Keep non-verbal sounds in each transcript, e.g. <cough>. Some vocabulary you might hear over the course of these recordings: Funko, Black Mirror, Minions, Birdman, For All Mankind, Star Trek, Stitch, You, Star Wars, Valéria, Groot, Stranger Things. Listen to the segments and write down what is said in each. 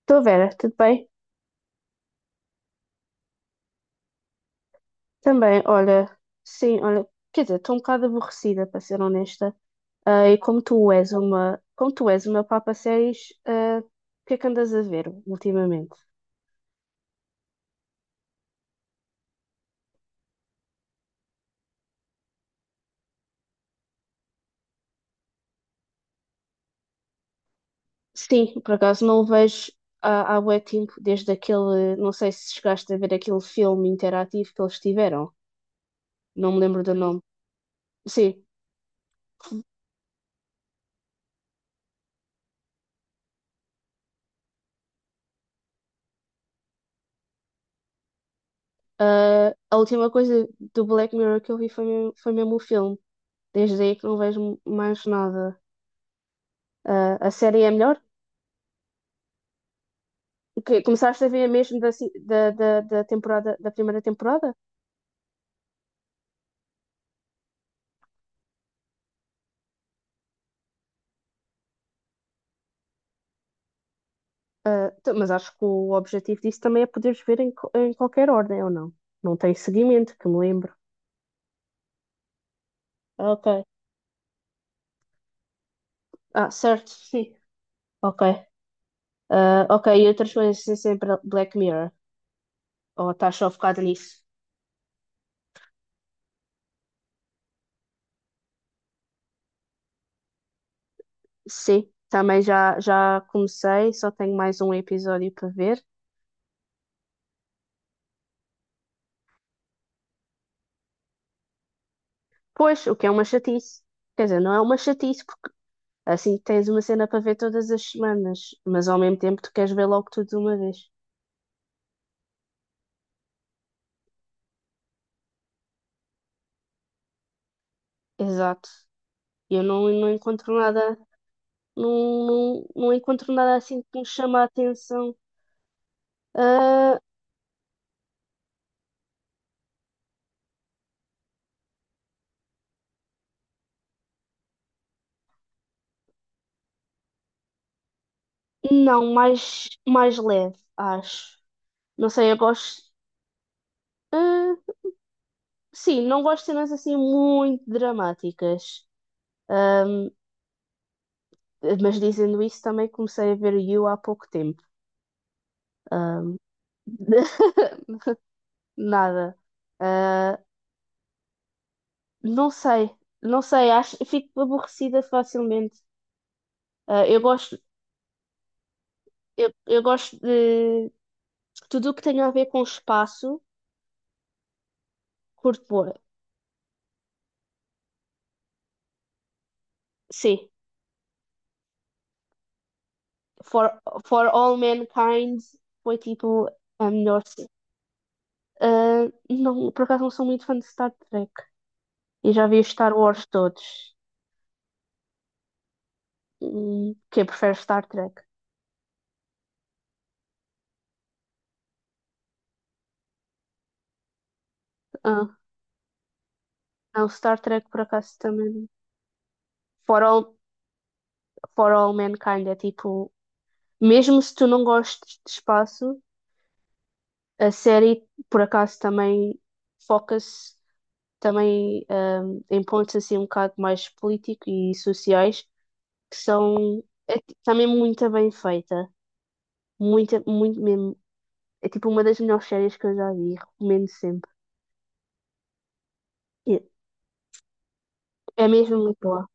Estou Vera, tudo bem? Também, olha, sim, olha, quer dizer, estou um bocado aborrecida, para ser honesta. Ah, e como tu és uma meu papa séries, ah, o que é que andas a ver ultimamente? Sim, por acaso não o vejo há bué tempo, desde aquele, não sei se chegaste a ver aquele filme interativo que eles tiveram, não me lembro do nome. Sim, ah, a última coisa do Black Mirror que eu vi foi mesmo o filme, desde aí que não vejo mais nada. Ah, a série é melhor? Que começaste a ver mesmo da temporada, da primeira temporada? Ah, mas acho que o objetivo disso também é poderes ver em qualquer ordem, ou não? Não tem seguimento, que me lembro. Ah, ok. Ah, certo, <laughs> sim. Ok. Ah, ok, e outras coisas sem ser Black Mirror. Ou estás só focado nisso? Sim, também já comecei, só tenho mais um episódio para ver. Pois, o que é uma chatice. Quer dizer, não é uma chatice. Assim tens uma cena para ver todas as semanas, mas ao mesmo tempo tu queres ver logo tudo de uma vez. Exato. Eu não, não encontro nada, não, não, não encontro nada assim que me chama a atenção. Ah, não, mais leve, acho. Não sei, eu gosto. Ah, sim, não gosto de cenas assim muito dramáticas. Ahm, mas dizendo isso, também comecei a ver You há pouco tempo. <laughs> Nada. Ah, Não sei, não sei acho, fico aborrecida facilmente. Ah, eu gosto, eu gosto de tudo o que tem a ver com espaço, curto bué. Sim, For, For All Mankind foi tipo a melhor. Sim. Ah, não, por acaso não sou muito fã de Star Trek. E já vi os Star Wars todos. Quem prefere Star Trek? Ah, não, Star Trek por acaso também. For All, For All Mankind é tipo, mesmo se tu não gostes de espaço. A série, por acaso, também foca-se também em pontos assim um bocado mais políticos e sociais, que são é, também muito bem feita. Muito, muito mesmo. É tipo uma das melhores séries que eu já vi, recomendo sempre. E é mesmo muito boa.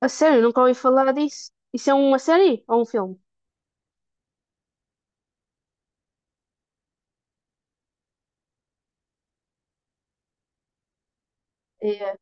A sério, nunca ouvi falar disso. Isso é uma série ou um filme? É,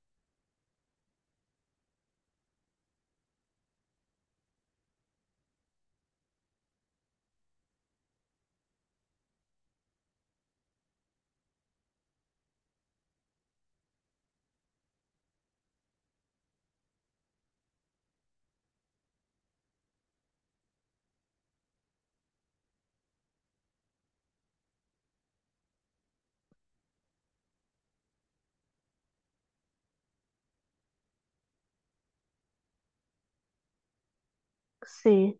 sim.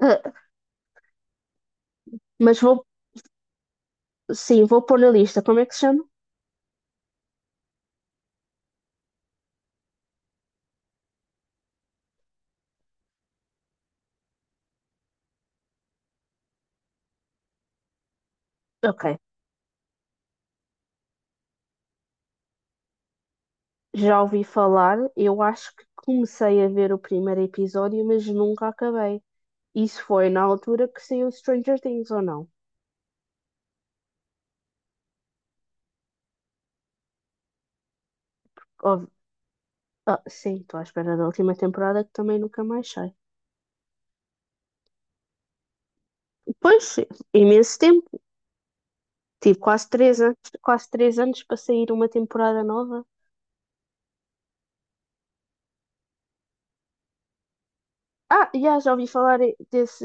Ah, mas vou, sim, vou pôr na lista. Como é que se chama? Ok. Já ouvi falar, eu acho que comecei a ver o primeiro episódio, mas nunca acabei. Isso foi na altura que saiu Stranger Things, ou não? Ou- ah, sim, estou à espera da última temporada que também nunca mais sai. Pois, imenso tempo. Tive quase 3 anos, quase 3 anos para sair uma temporada nova. Ah, já ouvi falar desse.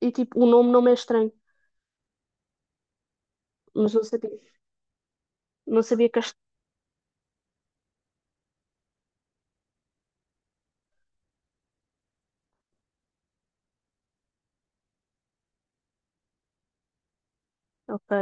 E tipo, o nome não me é estranho, mas não sabia. Não sabia que. Ok,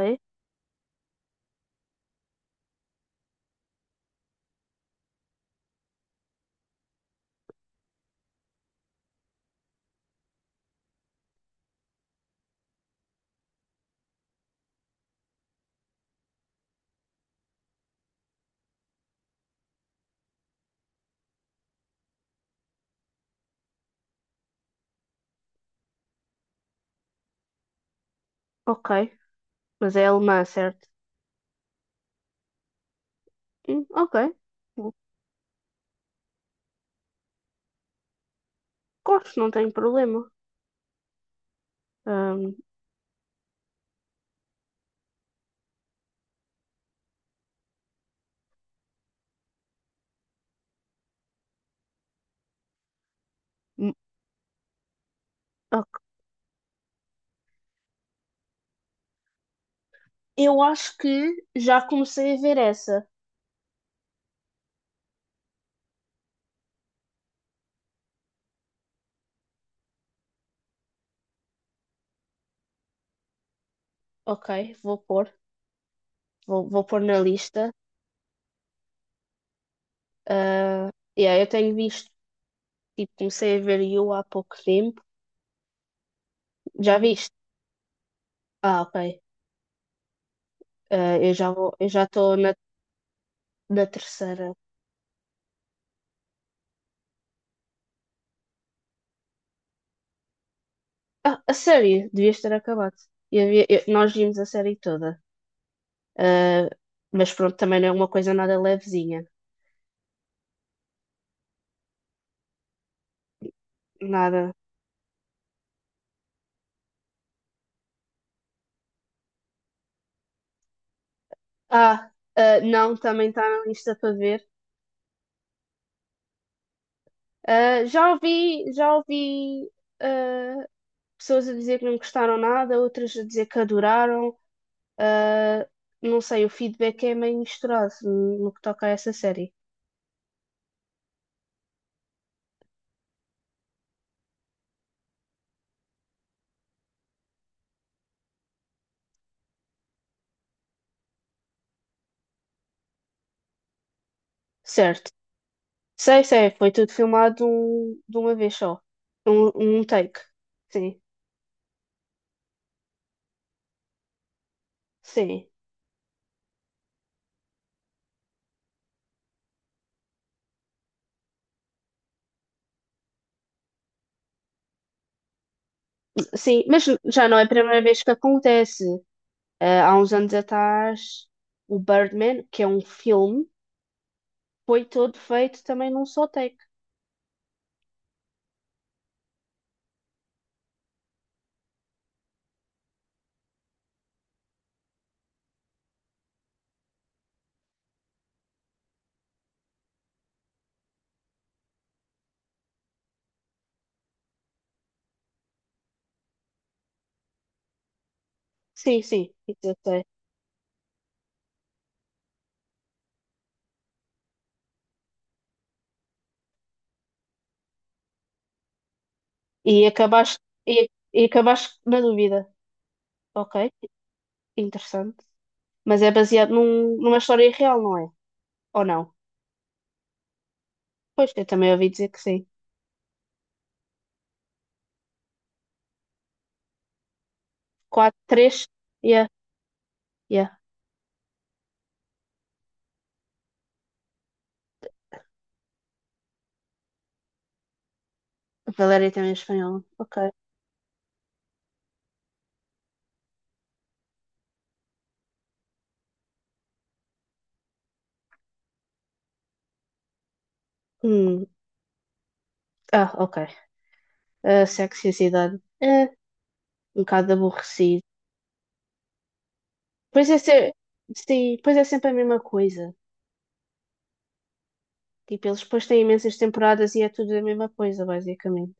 ok. Mas é alemã, certo? Ok. Gosto, não tenho problema. Ahm, ok. Eu acho que já comecei a ver essa. Ok, vou pôr. Vou pôr na lista. Ah, yeah, eu tenho visto. Tipo, comecei a ver You há pouco tempo. Já viste? Ah, ok. Ah, eu já estou na terceira. Ah, a série. Devias ter acabado. Nós vimos a série toda. Ah, mas pronto, também não é uma coisa nada levezinha. Nada. Ah, ah, não, também está na lista para ver. Ah, já ouvi, ah, pessoas a dizer que não gostaram nada, outras a dizer que adoraram. Ah, não sei, o feedback é meio misturado no que toca a essa série. Certo. Sei, sei, foi tudo filmado de de uma vez só. Um take. Sim, sim. Sim, mas já não é a primeira vez que acontece. Ah, há uns anos atrás, o Birdman, que é um filme, foi todo feito também num só take. Sim, sim, isso eu sei. E acabaste, e, e acabaste na dúvida. Ok, interessante. Mas é baseado numa história real, não é? Ou não? Pois, eu também ouvi dizer que sim. Quatro, três, yeah, yeah. A Valéria também é espanhola. Ok. Hum, ah, ok. A sexualidade. É, um bocado aborrecido. Pois é, sim, pois é sempre a mesma coisa. Tipo, eles depois têm imensas temporadas e é tudo a mesma coisa, basicamente.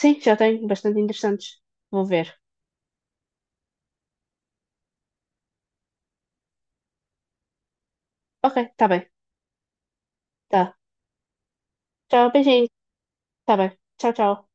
Sim, já tenho, bastante interessantes. Vou ver. Ok, tá bem. Tá. Tchau, beijinho. Tá bem. Tchau, tchau.